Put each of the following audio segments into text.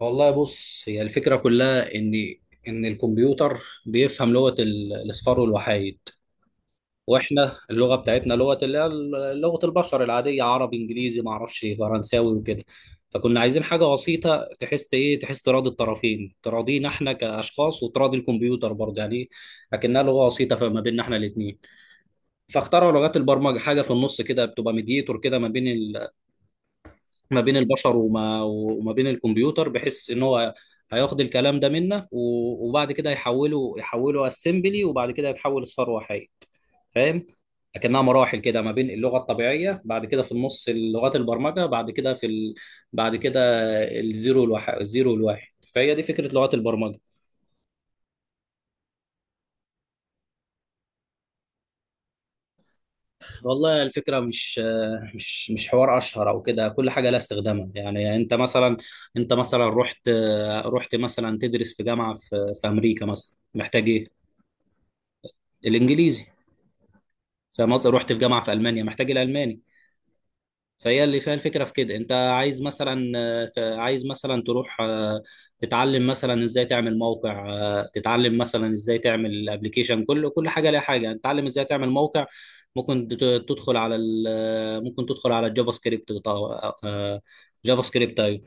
والله بص، هي الفكرة كلها إن الكمبيوتر بيفهم لغة الأصفار والوحايد. وإحنا اللغة بتاعتنا لغة اللي هي لغة البشر العادية، عربي إنجليزي معرفش فرنساوي وكده. فكنا عايزين حاجة بسيطة تحس إيه تحس تراضي الطرفين، تراضينا إحنا كأشخاص وتراضي الكمبيوتر برضه يعني. لكنها لغة وسيطة فما بيننا إحنا الاتنين. فاخترعوا لغات البرمجة، حاجة في النص كده بتبقى ميديتور كده ما بين البشر وما بين الكمبيوتر، بحيث ان هو هياخد الكلام ده منا وبعد كده يحوله اسمبلي، وبعد كده يتحول لصفر وحي. فاهم؟ لكنها مراحل كده، ما بين اللغه الطبيعيه، بعد كده في النص لغات البرمجه، بعد كده في بعد كده الزيرو والواحد الزيرو والواحد. فهي دي فكره لغات البرمجه. والله الفكرة مش حوار أشهر أو كده، كل حاجة لها استخدامها. يعني أنت مثلا، أنت مثلا رحت مثلا تدرس في جامعة في أمريكا مثلا، محتاج إيه؟ الإنجليزي. فمثلا رحت في جامعة في ألمانيا، محتاج الألماني. فهي اللي فيها الفكرة في كده. انت عايز مثلا، عايز مثلا تروح، تتعلم مثلا ازاي تعمل موقع، تتعلم مثلا ازاي تعمل ابلكيشن. كل حاجة ليها حاجة. تتعلم ازاي تعمل موقع ممكن تدخل على ممكن تدخل على الجافا سكريبت جافا سكريبت، ايوه،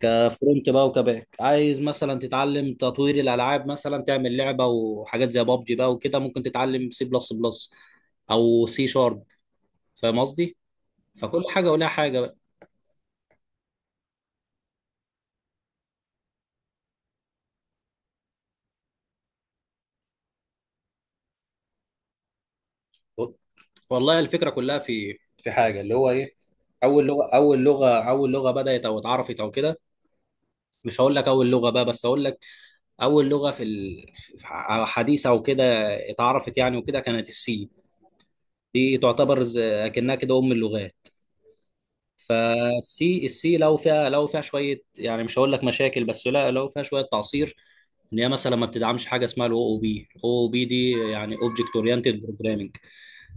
كفرونت بقى وكباك. عايز مثلا تتعلم تطوير الالعاب، مثلا تعمل لعبه وحاجات زي بابجي بقى وكده، ممكن تتعلم سي بلس بلس او سي شارب. فاهم قصدي؟ فكل حاجه ولها حاجه. والله الفكره كلها في حاجه، اللي هو ايه، اول لغه بدات او اتعرفت او كده. مش هقول لك اول لغه بقى، بس هقول لك اول لغه في حديثه او كده اتعرفت يعني وكده، كانت السي. دي تعتبر اكنها كده ام اللغات. السي لو فيها، لو فيها شويه، يعني مش هقول لك مشاكل، بس لا، لو فيها شويه تعصير. ان هي مثلا ما بتدعمش حاجه اسمها الاو او بي دي، يعني اوبجكت اورينتد بروجرامنج،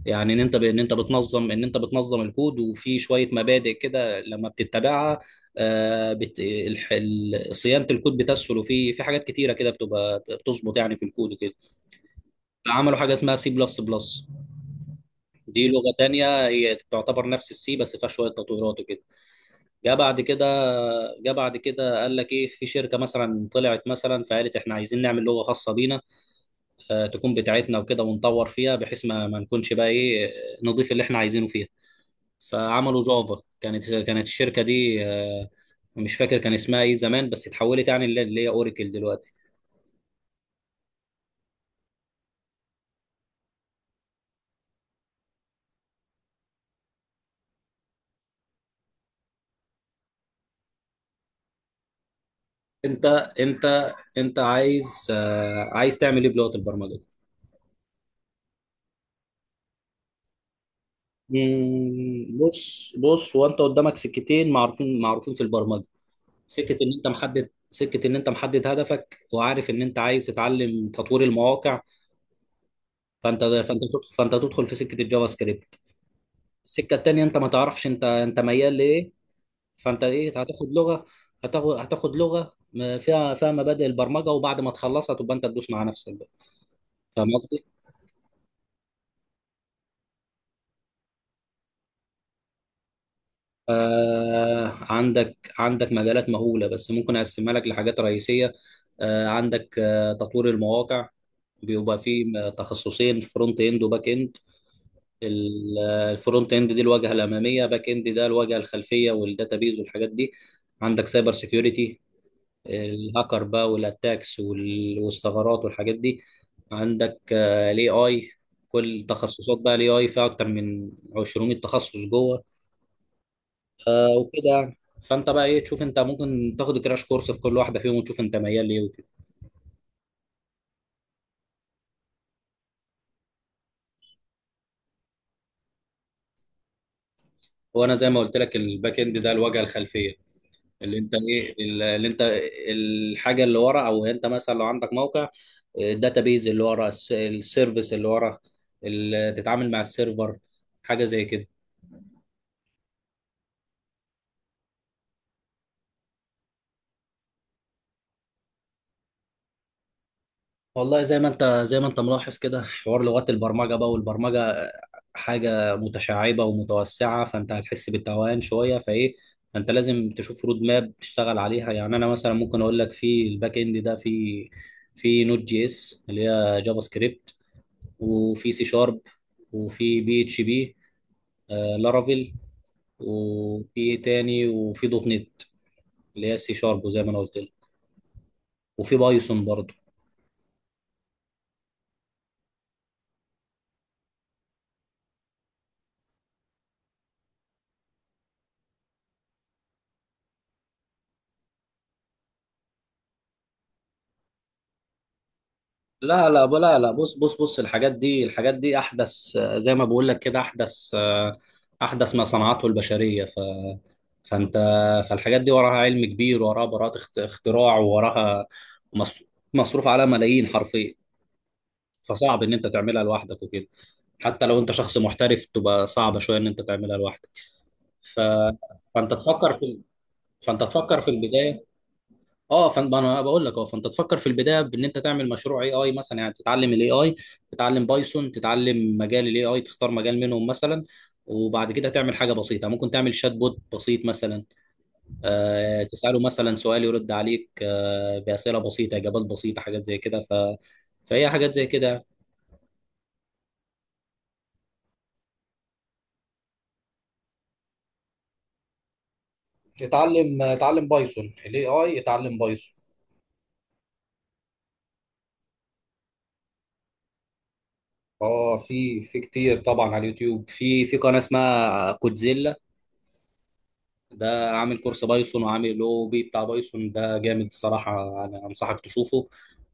يعني ان انت بتنظم الكود. وفي شويه مبادئ كده لما بتتبعها، صيانه الكود بتسهل، وفي حاجات كتيره كده بتبقى بتظبط يعني في الكود وكده. عملوا حاجه اسمها سي بلس بلس، دي لغه تانية، هي تعتبر نفس السي بس فيها شويه تطويرات وكده. جه بعد كده جه بعد كده قال لك ايه، في شركه مثلا طلعت مثلا فقالت احنا عايزين نعمل لغه خاصه بينا، آه، تكون بتاعتنا وكده ونطور فيها، بحيث ما نكونش بقى ايه، نضيف اللي احنا عايزينه فيها. فعملوا جافا. كانت الشركه دي، مش فاكر كان اسمها ايه زمان، بس اتحولت يعني اللي هي اوراكل دلوقتي. انت انت انت عايز، عايز تعمل ايه بلغه البرمجه دي؟ بص، هو انت قدامك سكتين معروفين، معروفين في البرمجه. سكه ان انت محدد، سكه ان انت محدد هدفك وعارف ان انت عايز تتعلم تطوير المواقع، فانت فانت تدخل، تدخل في سكه الجافا سكريبت. السكه التانيه، انت ما تعرفش انت ميال لايه، فانت ايه، هتاخد لغه، هتاخد لغه فيها، مبادئ البرمجه، وبعد ما تخلصها تبقى انت تدوس مع نفسك بقى. فاهم قصدي؟ آه، عندك مجالات مهوله، بس ممكن اقسمها لك لحاجات رئيسيه. آه، عندك، آه، تطوير المواقع، بيبقى فيه تخصصين، فرونت اند وباك اند. الفرونت اند دي الواجهه الاماميه، باك اند ده الواجهه الخلفيه والداتابيز والحاجات دي. عندك سايبر سيكيورتي، الهاكر بقى والاتاكس والثغرات والحاجات دي. عندك الاي اي، كل تخصصات بقى الاي اي فيها اكتر من 20 تخصص جوه. آه، وكده يعني، فانت بقى ايه، تشوف انت ممكن تاخد كراش كورس في كل واحده فيهم وتشوف انت ميال ليه وكده. وانا زي ما قلت لك، الباك اند ده الواجهه الخلفيه، اللي انت ايه، اللي انت الحاجه اللي ورا، او انت مثلا لو عندك موقع، الداتابيز اللي ورا، السيرفيس اللي ورا، اللي تتعامل مع السيرفر، حاجه زي كده. والله زي ما انت، ملاحظ كده، حوار لغات البرمجه بقى والبرمجه حاجه متشعبه ومتوسعه، فانت هتحس بالتوهان شويه، فايه، فانت لازم تشوف رود ماب تشتغل عليها. يعني انا مثلا ممكن اقول لك في الباك اند ده في نوت جي اس اللي هي جافا سكريبت، وفي سي شارب، وفي بي اتش بي، آه، لارافيل، وفي ايه تاني، وفي دوت نت اللي هي السي شارب، وزي ما انا قلت لك، وفي بايثون برضه. لا. بص، الحاجات دي، الحاجات دي احدث، زي ما بقول لك كده، احدث، احدث ما صنعته البشريه. ف فانت فالحاجات دي وراها علم كبير، وراها براءة اختراع، وراها مص- مصروف عليها ملايين حرفيا. فصعب ان انت تعملها لوحدك وكده، حتى لو انت شخص محترف تبقى صعبه شويه ان انت تعملها لوحدك. ف... فانت تفكر في فانت تفكر في البدايه. اه فانا انا بقول لك، اه، فانت تفكر في البدايه بان انت تعمل مشروع اي اي مثلا، يعني تتعلم الاي اي، تتعلم بايثون، تتعلم مجال الاي اي، تختار مجال منهم مثلا، وبعد كده تعمل حاجه بسيطه، ممكن تعمل شات بوت بسيط مثلا. آه، تساله مثلا سؤال يرد عليك، آه، باسئله بسيطه اجابات بسيطه، حاجات زي كده. فهي حاجات زي كده. اتعلم بايثون. الاي اي اتعلم بايثون. اه، في كتير طبعا على اليوتيوب، في قناه اسمها كودزيلا، ده عامل كورس بايثون وعامل او بي بتاع بايثون، ده جامد الصراحه، انا انصحك تشوفه.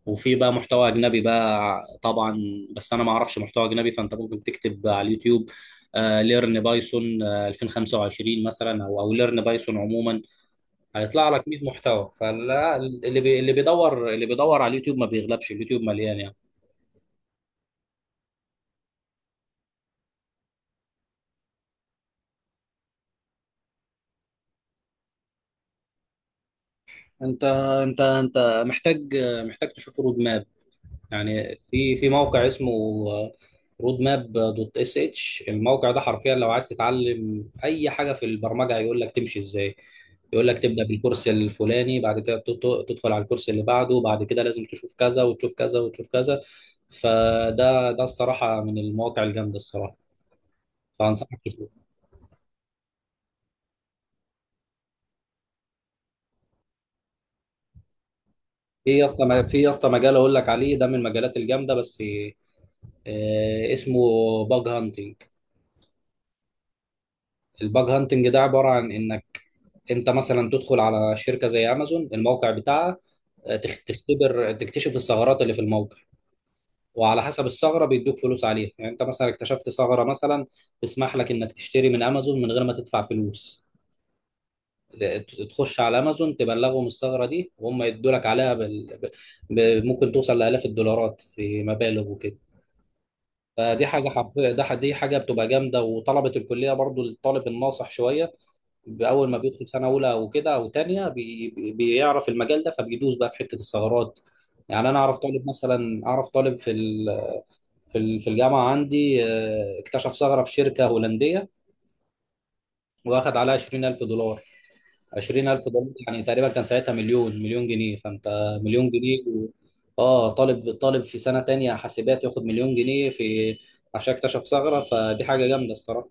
وفي بقى محتوى اجنبي بقى طبعا، بس انا ما اعرفش محتوى اجنبي، فانت ممكن تكتب على اليوتيوب ليرن بايثون 2025 مثلا، او ليرن بايثون عموما، هيطلع لك 100 محتوى. فلا، اللي بيدور، اللي بيدور على اليوتيوب ما بيغلبش، اليوتيوب مليان يعني. انت انت محتاج، تشوف رود ماب. يعني في موقع اسمه رود ماب دوت اس اتش، الموقع ده حرفيا لو عايز تتعلم اي حاجه في البرمجه هيقول لك تمشي ازاي، يقول لك تبدا بالكورس الفلاني، بعد كده تدخل على الكورس اللي بعده، بعد كده لازم تشوف كذا وتشوف كذا وتشوف كذا. ده الصراحه من المواقع الجامده الصراحه، فانصحك تشوف. في يا اسطى، في يا اسطى مجال اقول لك عليه ده من المجالات الجامده، بس، آه، اسمه باج هانتنج. الباج هانتنج ده عباره عن انك انت مثلا تدخل على شركه زي امازون، الموقع بتاعها، آه، تختبر تكتشف الثغرات اللي في الموقع، وعلى حسب الثغره بيدوك فلوس عليها. يعني انت مثلا اكتشفت ثغره مثلا تسمح لك انك تشتري من امازون من غير ما تدفع فلوس، تخش على امازون تبلغهم الثغره دي وهم يدوا لك عليها ممكن توصل لالاف الدولارات في مبالغ وكده. فدي حاجه حرفيا، دي حاجه بتبقى جامده، وطلبه الكليه برضو الطالب الناصح شويه باول ما بيدخل سنه اولى وكده او تانية بيعرف المجال ده، فبيدوس بقى في حته الثغرات. يعني انا اعرف طالب مثلا، اعرف طالب في في الجامعه عندي، آه، اكتشف ثغره في شركه هولنديه واخد عليها $20000. $20000 يعني تقريبا كان ساعتها مليون، جنيه، فانت، مليون جنيه اه، طالب، في سنه تانية حاسبات ياخد مليون جنيه في، عشان اكتشف ثغره، فدي حاجه جامده الصراحه.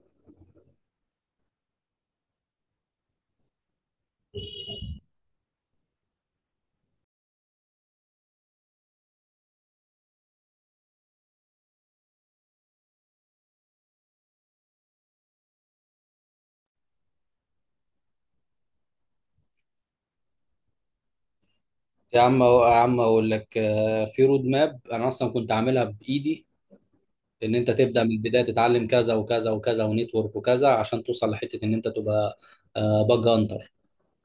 يا عم، يا عم اقول لك، آه، في رود ماب انا اصلا كنت عاملها بايدي، ان انت تبدا من البدايه، تتعلم كذا وكذا وكذا ونتورك وكذا عشان توصل لحته ان انت تبقى باج هانتر.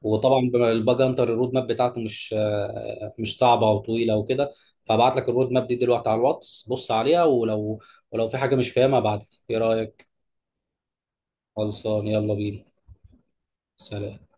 وطبعا الباج هانتر الرود ماب بتاعته مش، آه، مش صعبه وطويله وكده، فابعت لك الرود ماب دي دلوقتي على الواتس، بص عليها، ولو في حاجه مش فاهمها ابعت لي، ايه رايك؟ خلصان، يلا بينا. سلام.